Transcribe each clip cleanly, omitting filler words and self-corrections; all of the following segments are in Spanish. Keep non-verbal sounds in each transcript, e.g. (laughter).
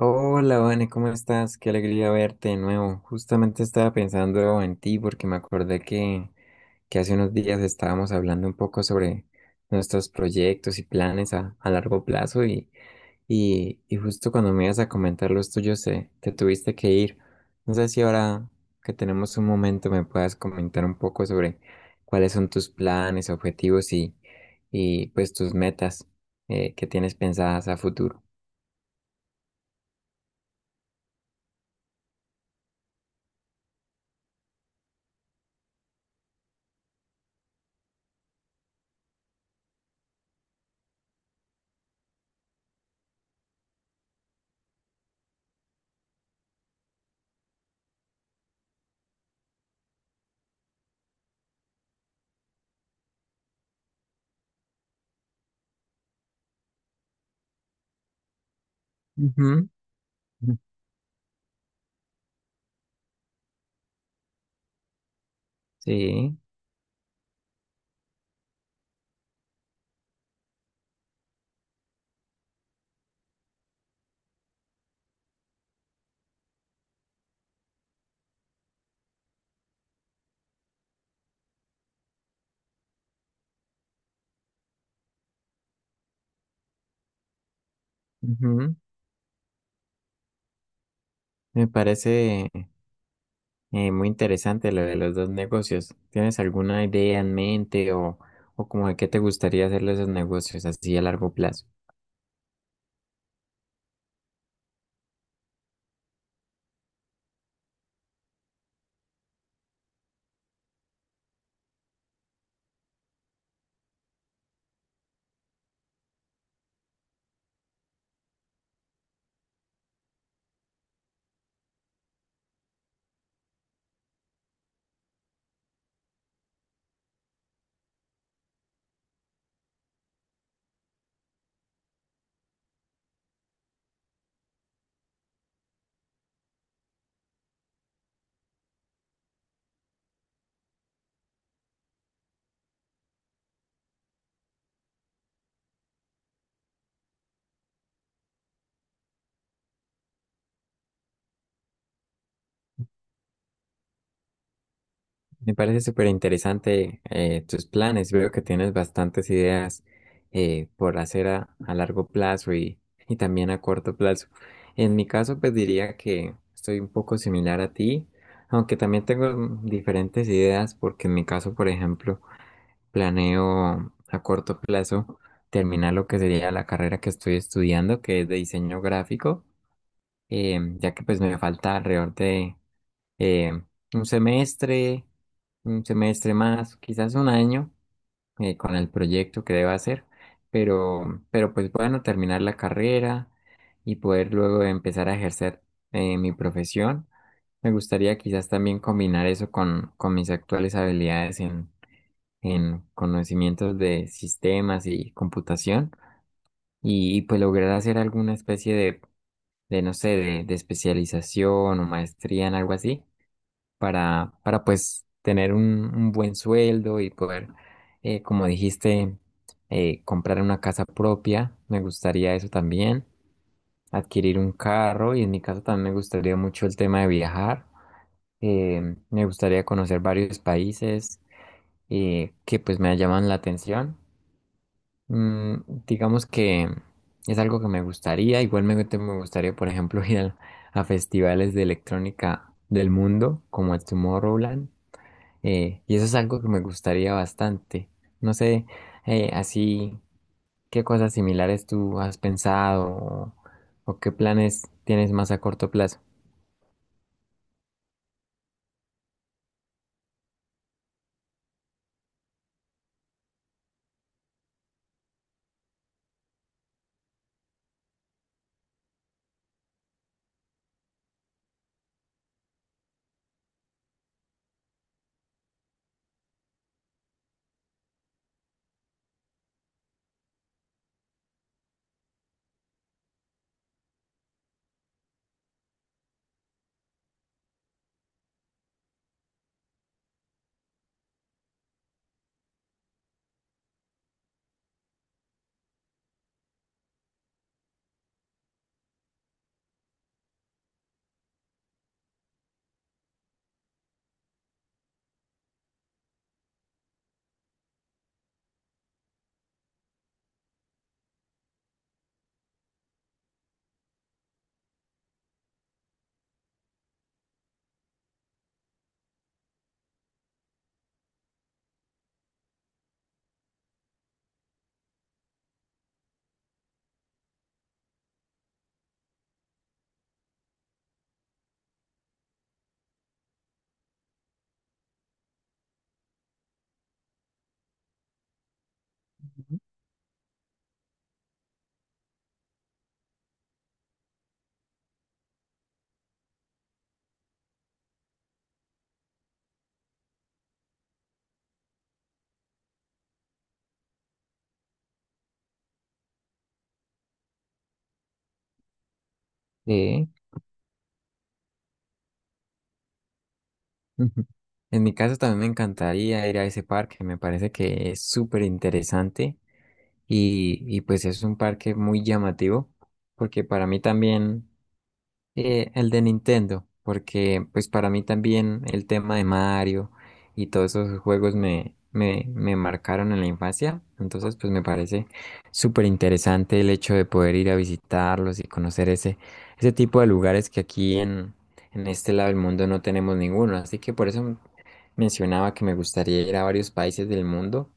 Hola, Vane, ¿cómo estás? Qué alegría verte de nuevo. Justamente estaba pensando en ti porque me acordé que hace unos días estábamos hablando un poco sobre nuestros proyectos y planes a largo plazo y justo cuando me ibas a comentar los tuyos te tuviste que ir. No sé si ahora que tenemos un momento me puedas comentar un poco sobre cuáles son tus planes, objetivos y pues tus metas que tienes pensadas a futuro. Ujú. Sí, ujú. Me parece muy interesante lo de los dos negocios. ¿Tienes alguna idea en mente o como de qué te gustaría hacer de esos negocios así a largo plazo? Me parece súper interesante tus planes. Veo que tienes bastantes ideas por hacer a largo plazo y también a corto plazo. En mi caso, pues diría que estoy un poco similar a ti, aunque también tengo diferentes ideas porque en mi caso, por ejemplo, planeo a corto plazo terminar lo que sería la carrera que estoy estudiando, que es de diseño gráfico, ya que pues me falta alrededor de eh, un semestre, un semestre más, quizás un año con el proyecto que debo hacer, pero pues bueno, terminar la carrera y poder luego empezar a ejercer mi profesión. Me gustaría quizás también combinar eso con mis actuales habilidades en conocimientos de sistemas y computación pues lograr hacer alguna especie de no sé, de especialización o maestría en algo así para pues tener un buen sueldo y poder, como dijiste, comprar una casa propia, me gustaría eso también, adquirir un carro y en mi caso también me gustaría mucho el tema de viajar, me gustaría conocer varios países que pues me llaman la atención. Mm, digamos que es algo que me gustaría. Igualmente me gustaría, por ejemplo, (laughs) festivales de electrónica del mundo, como el Tomorrowland. Y eso es algo que me gustaría bastante. No sé, así, ¿qué cosas similares tú has pensado o qué planes tienes más a corto plazo? Sí. Ujú. En mi caso también me encantaría ir a ese parque, me parece que es súper interesante. Y pues es un parque muy llamativo, porque para mí también el de Nintendo, porque pues para mí también el tema de Mario y todos esos juegos me marcaron en la infancia, entonces pues me parece súper interesante el hecho de poder ir a visitarlos y conocer ese, ese tipo de lugares que aquí en este lado del mundo no tenemos ninguno, así que por eso mencionaba que me gustaría ir a varios países del mundo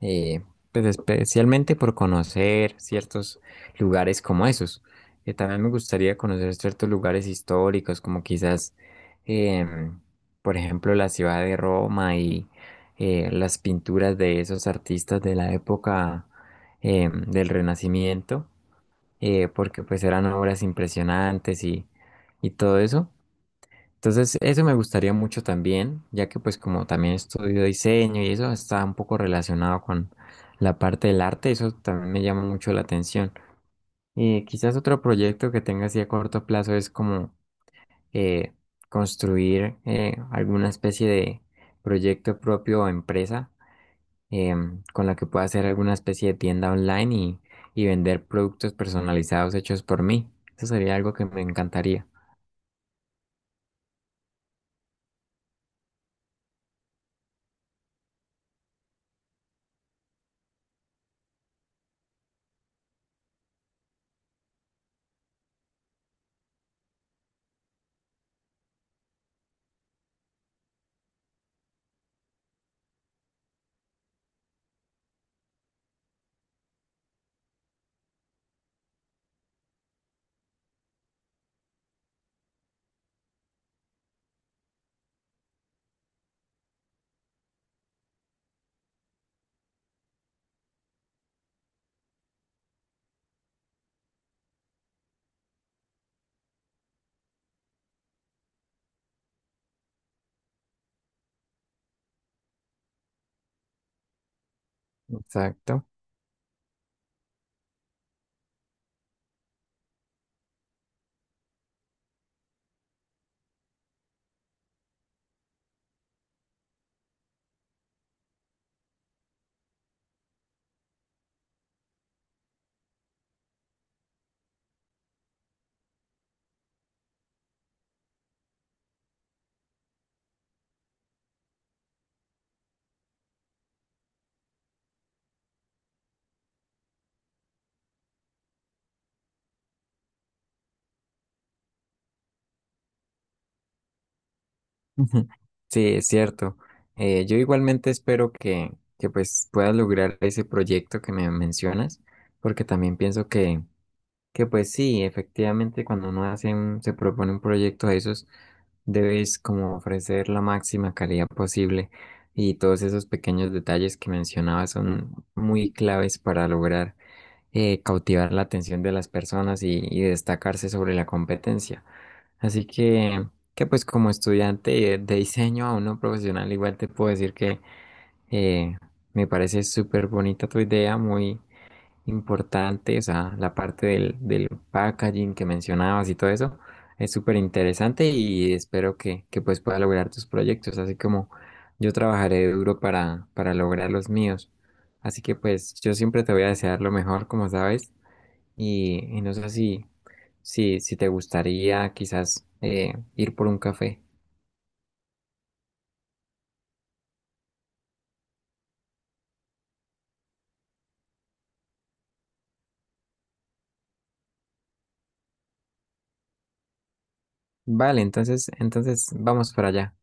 eh, pues especialmente por conocer ciertos lugares como esos. También me gustaría conocer ciertos lugares históricos, como quizás, em, por ejemplo, la ciudad de Roma y las pinturas de esos artistas de la época del Renacimiento, porque pues eran obras impresionantes y todo eso. Entonces, eso me gustaría mucho también, ya que pues como también estudio diseño y eso está un poco relacionado con la parte del arte, eso también me llama mucho la atención. Y quizás otro proyecto que tenga así a corto plazo es como eh, construir alguna especie de proyecto propio o empresa con la que pueda hacer alguna especie de tienda online y vender productos personalizados hechos por mí. Eso sería algo que me encantaría. Exacto. Ujú. Sí, es cierto. Yo igualmente espero que pues puedas lograr ese proyecto que me mencionas, porque también pienso que pues sí, efectivamente cuando uno se propone un proyecto de esos, debes como ofrecer la máxima calidad posible y todos esos pequeños detalles que mencionabas son muy claves para lograr cautivar la atención de las personas y destacarse sobre la competencia. Así que pues como estudiante de diseño a uno profesional, igual te puedo decir que eh, me parece súper bonita tu idea, muy importante, o sea, la parte del packaging que mencionabas y todo eso es súper interesante y espero que pues puedas lograr tus proyectos, así como yo trabajaré duro para lograr los míos. Así que pues yo siempre te voy a desear lo mejor, como sabes, y no sé si si te gustaría quizás ir por un café. Vale, entonces vamos para allá.